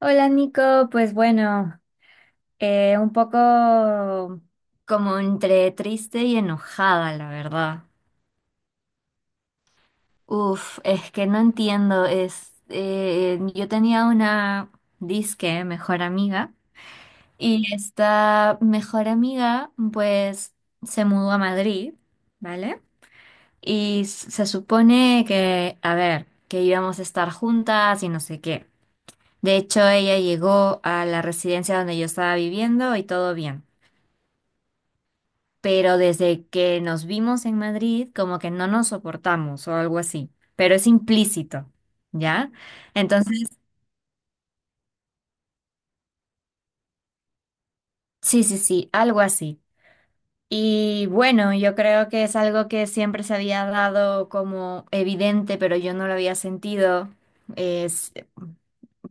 Hola Nico, pues bueno, un poco como entre triste y enojada, la verdad. Uf, es que no entiendo, yo tenía una disque mejor amiga, y esta mejor amiga pues se mudó a Madrid, ¿vale? Y se supone que, a ver, que íbamos a estar juntas y no sé qué. De hecho, ella llegó a la residencia donde yo estaba viviendo y todo bien. Pero desde que nos vimos en Madrid, como que no nos soportamos o algo así, pero es implícito, ¿ya? Entonces, sí, sí, sí, algo así. Y bueno, yo creo que es algo que siempre se había dado como evidente, pero yo no lo había sentido. Es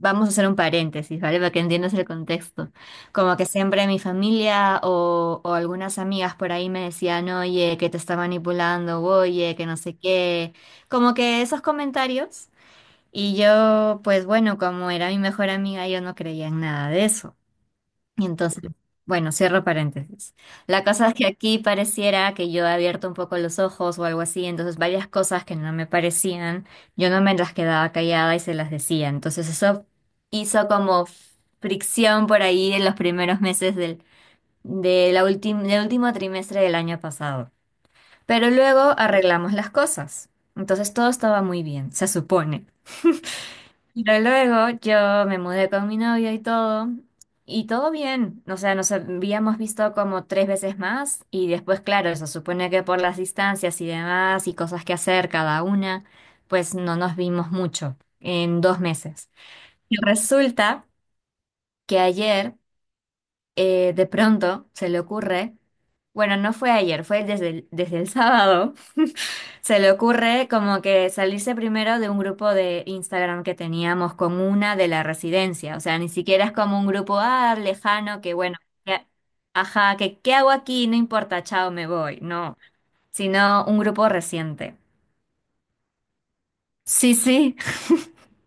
Vamos a hacer un paréntesis, ¿vale? Para que entiendas el contexto. Como que siempre mi familia o algunas amigas por ahí me decían, oye, que te está manipulando, oye, que no sé qué. Como que esos comentarios. Y yo, pues bueno, como era mi mejor amiga, yo no creía en nada de eso. Y entonces, bueno, cierro paréntesis. La cosa es que aquí pareciera que yo he abierto un poco los ojos o algo así, entonces varias cosas que no me parecían, yo no me las quedaba callada y se las decía. Entonces eso hizo como fricción por ahí en los primeros meses del, de la ultim- del último trimestre del año pasado. Pero luego arreglamos las cosas. Entonces todo estaba muy bien, se supone. Pero luego yo me mudé con mi novio y todo bien. O sea, nos habíamos visto como tres veces más, y después, claro, se supone que por las distancias y demás, y cosas que hacer cada una, pues no nos vimos mucho en 2 meses. Y resulta que ayer, de pronto, se le ocurre, bueno, no fue ayer, fue desde el sábado. Se le ocurre como que salirse primero de un grupo de Instagram que teníamos con una de la residencia. O sea, ni siquiera es como un grupo, ah, lejano que, bueno, que- ajá, que ¿qué hago aquí? No importa, chao, me voy. No, sino un grupo reciente. Sí, sí,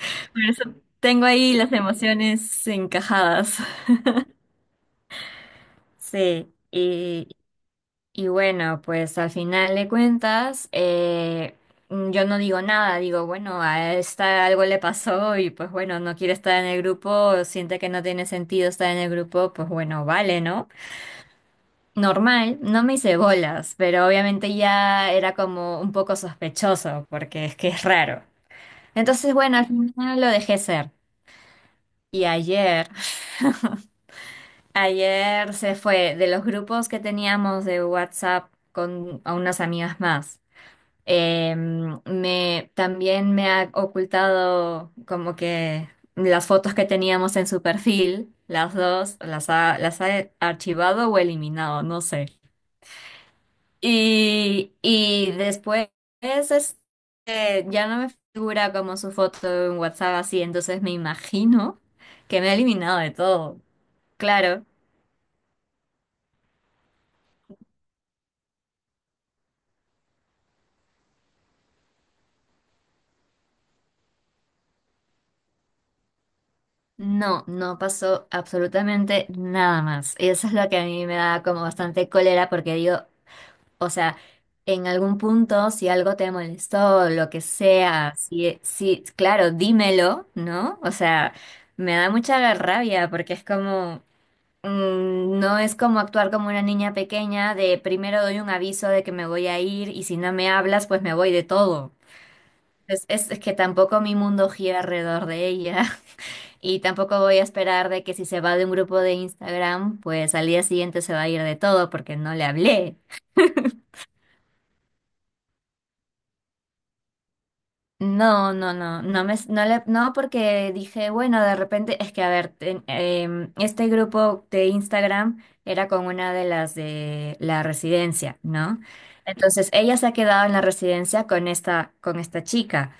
por eso tengo ahí las emociones encajadas. Sí. Y bueno, pues al final de cuentas, yo no digo nada, digo, bueno, a esta algo le pasó y pues bueno, no quiere estar en el grupo, siente que no tiene sentido estar en el grupo, pues bueno, vale, ¿no? Normal, no me hice bolas, pero obviamente ya era como un poco sospechoso, porque es que es raro. Entonces, bueno, al final lo dejé ser. Y ayer, ayer se fue de los grupos que teníamos de WhatsApp con a unas amigas más. Eh, también me ha ocultado como que las fotos que teníamos en su perfil, las dos, las ha archivado o eliminado, no sé. Y después, ya no me figura como su foto en WhatsApp así, entonces me imagino que me ha eliminado de todo. Claro, no, no pasó absolutamente nada más. Y eso es lo que a mí me da como bastante cólera porque digo... O sea, en algún punto, si algo te molestó, lo que sea, si, si, claro, dímelo, ¿no? O sea, me da mucha rabia porque es como, no es como actuar como una niña pequeña de primero doy un aviso de que me voy a ir y si no me hablas, pues me voy de todo. Es que tampoco mi mundo gira alrededor de ella y tampoco voy a esperar de que si se va de un grupo de Instagram, pues al día siguiente se va a ir de todo porque no le hablé. No, no, no, no me, no le- no porque dije, bueno, de repente, es que a ver, este grupo de Instagram era con una de las de la residencia, ¿no? Entonces ella se ha quedado en la residencia con esta chica.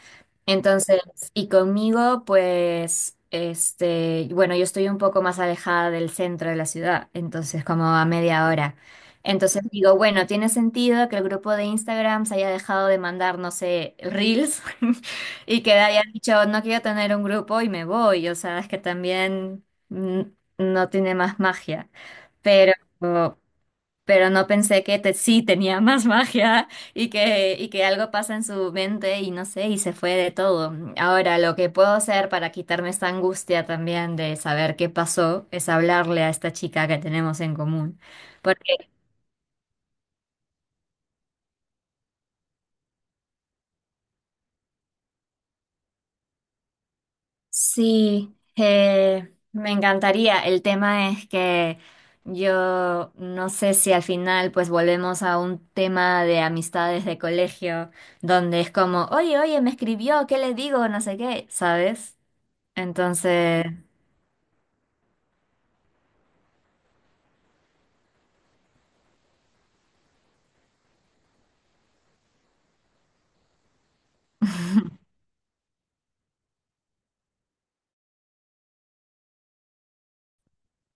Entonces, y conmigo, pues, bueno, yo estoy un poco más alejada del centro de la ciudad, entonces como a media hora. Entonces digo, bueno, tiene sentido que el grupo de Instagram se haya dejado de mandar, no sé, reels y que haya dicho, no quiero tener un grupo y me voy. O sea, es que también, mm, no tiene más magia. Pero, pero no pensé que sí tenía más magia, y que algo pasa en su mente y no sé, y se fue de todo. Ahora, lo que puedo hacer para quitarme esta angustia también de saber qué pasó es hablarle a esta chica que tenemos en común. Porque sí, me encantaría. El tema es que yo no sé si al final pues volvemos a un tema de amistades de colegio donde es como, oye, oye, me escribió, ¿qué le digo? No sé qué, ¿sabes? Entonces,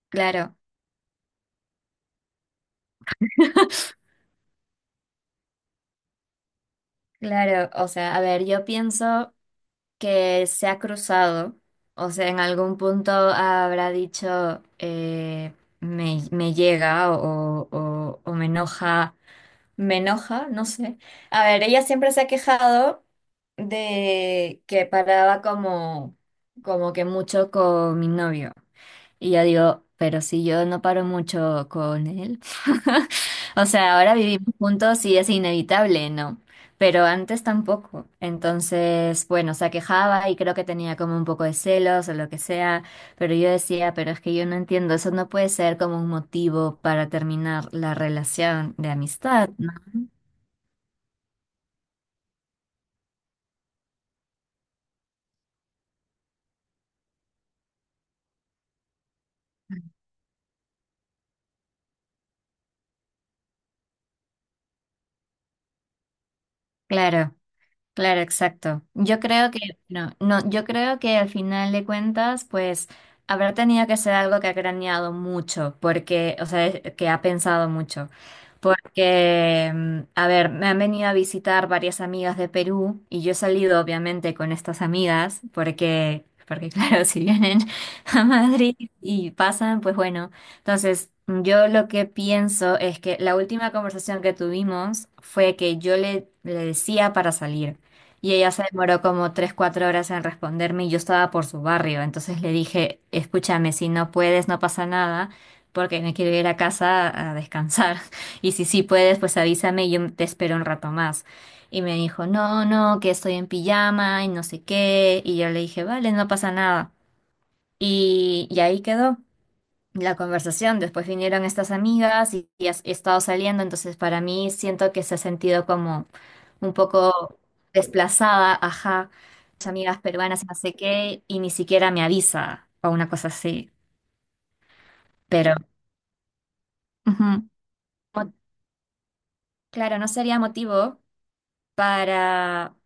claro, claro, o sea, a ver, yo pienso que se ha cruzado, o sea, en algún punto habrá dicho, me llega o me enoja, no sé. A ver, ella siempre se ha quejado de que paraba como que mucho con mi novio. Y yo digo, pero si yo no paro mucho con él. O sea, ahora vivimos juntos y es inevitable, ¿no? Pero antes tampoco. Entonces, bueno, se quejaba y creo que tenía como un poco de celos o lo que sea, pero yo decía, pero es que yo no entiendo, eso no puede ser como un motivo para terminar la relación de amistad, ¿no? Claro. Claro, exacto. No, no, yo creo que al final de cuentas, pues habrá tenido que ser algo que ha craneado mucho, porque, o sea, que ha pensado mucho. Porque, a ver, me han venido a visitar varias amigas de Perú y yo he salido obviamente con estas amigas, porque claro, si vienen a Madrid y pasan, pues bueno. Entonces, yo lo que pienso es que la última conversación que tuvimos fue que yo le decía para salir. Y ella se demoró como 3, 4 horas en responderme y yo estaba por su barrio. Entonces le dije, escúchame, si no puedes, no pasa nada, porque me quiero ir a casa a descansar. Y si sí puedes, pues avísame y yo te espero un rato más. Y me dijo, no, no, que estoy en pijama y no sé qué. Y yo le dije, vale, no pasa nada. Y ahí quedó la conversación. Después vinieron estas amigas y he estado saliendo, entonces para mí siento que se ha sentido como un poco desplazada, ajá, mis amigas peruanas, no sé qué, y ni siquiera me avisa o una cosa así. Pero, ujú, mo- claro, no sería motivo para,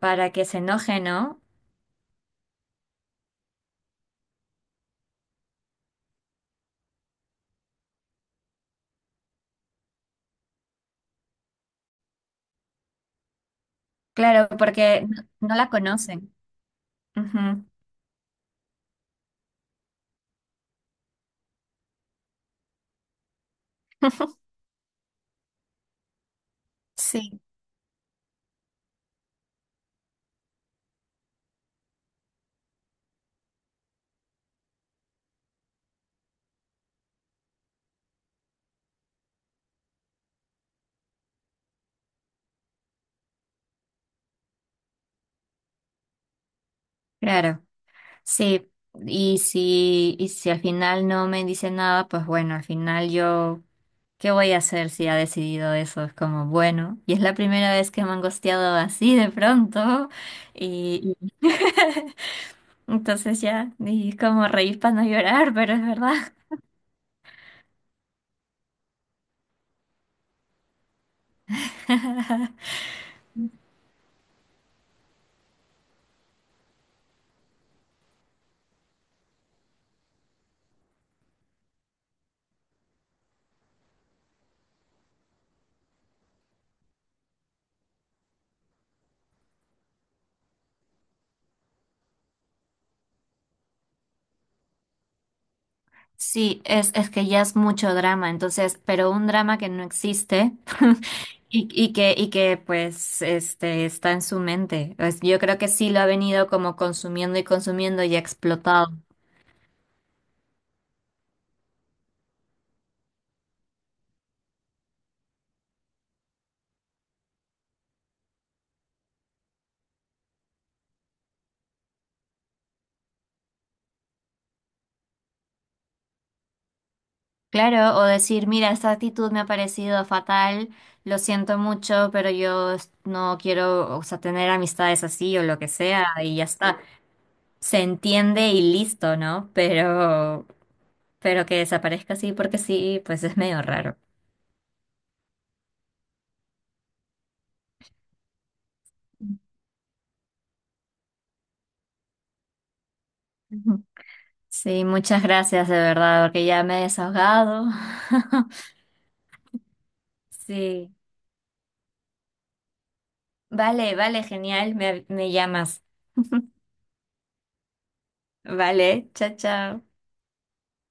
para que se enoje, ¿no? Claro, porque no, no la conocen. Ujú, sí, claro. Sí, y si al final no me dice nada, pues bueno, al final yo, ¿qué voy a hacer si ha decidido eso? Es como, bueno, y es la primera vez que me han gosteado así de pronto, y y entonces ya, y es como reír para no llorar, pero es verdad. Sí, es que ya es mucho drama, entonces, pero un drama que no existe y que pues este está en su mente. Pues, yo creo que sí lo ha venido como consumiendo y consumiendo y ha explotado. Claro, o decir, mira, esta actitud me ha parecido fatal, lo siento mucho, pero yo no quiero, o sea, tener amistades así o lo que sea, y ya está. Se entiende y listo, ¿no? Pero que desaparezca así porque sí, pues es medio raro. Ujú. Sí, muchas gracias de verdad, porque ya me he desahogado. Sí. Vale, vale, genial, me llamas. Vale, chao, chao.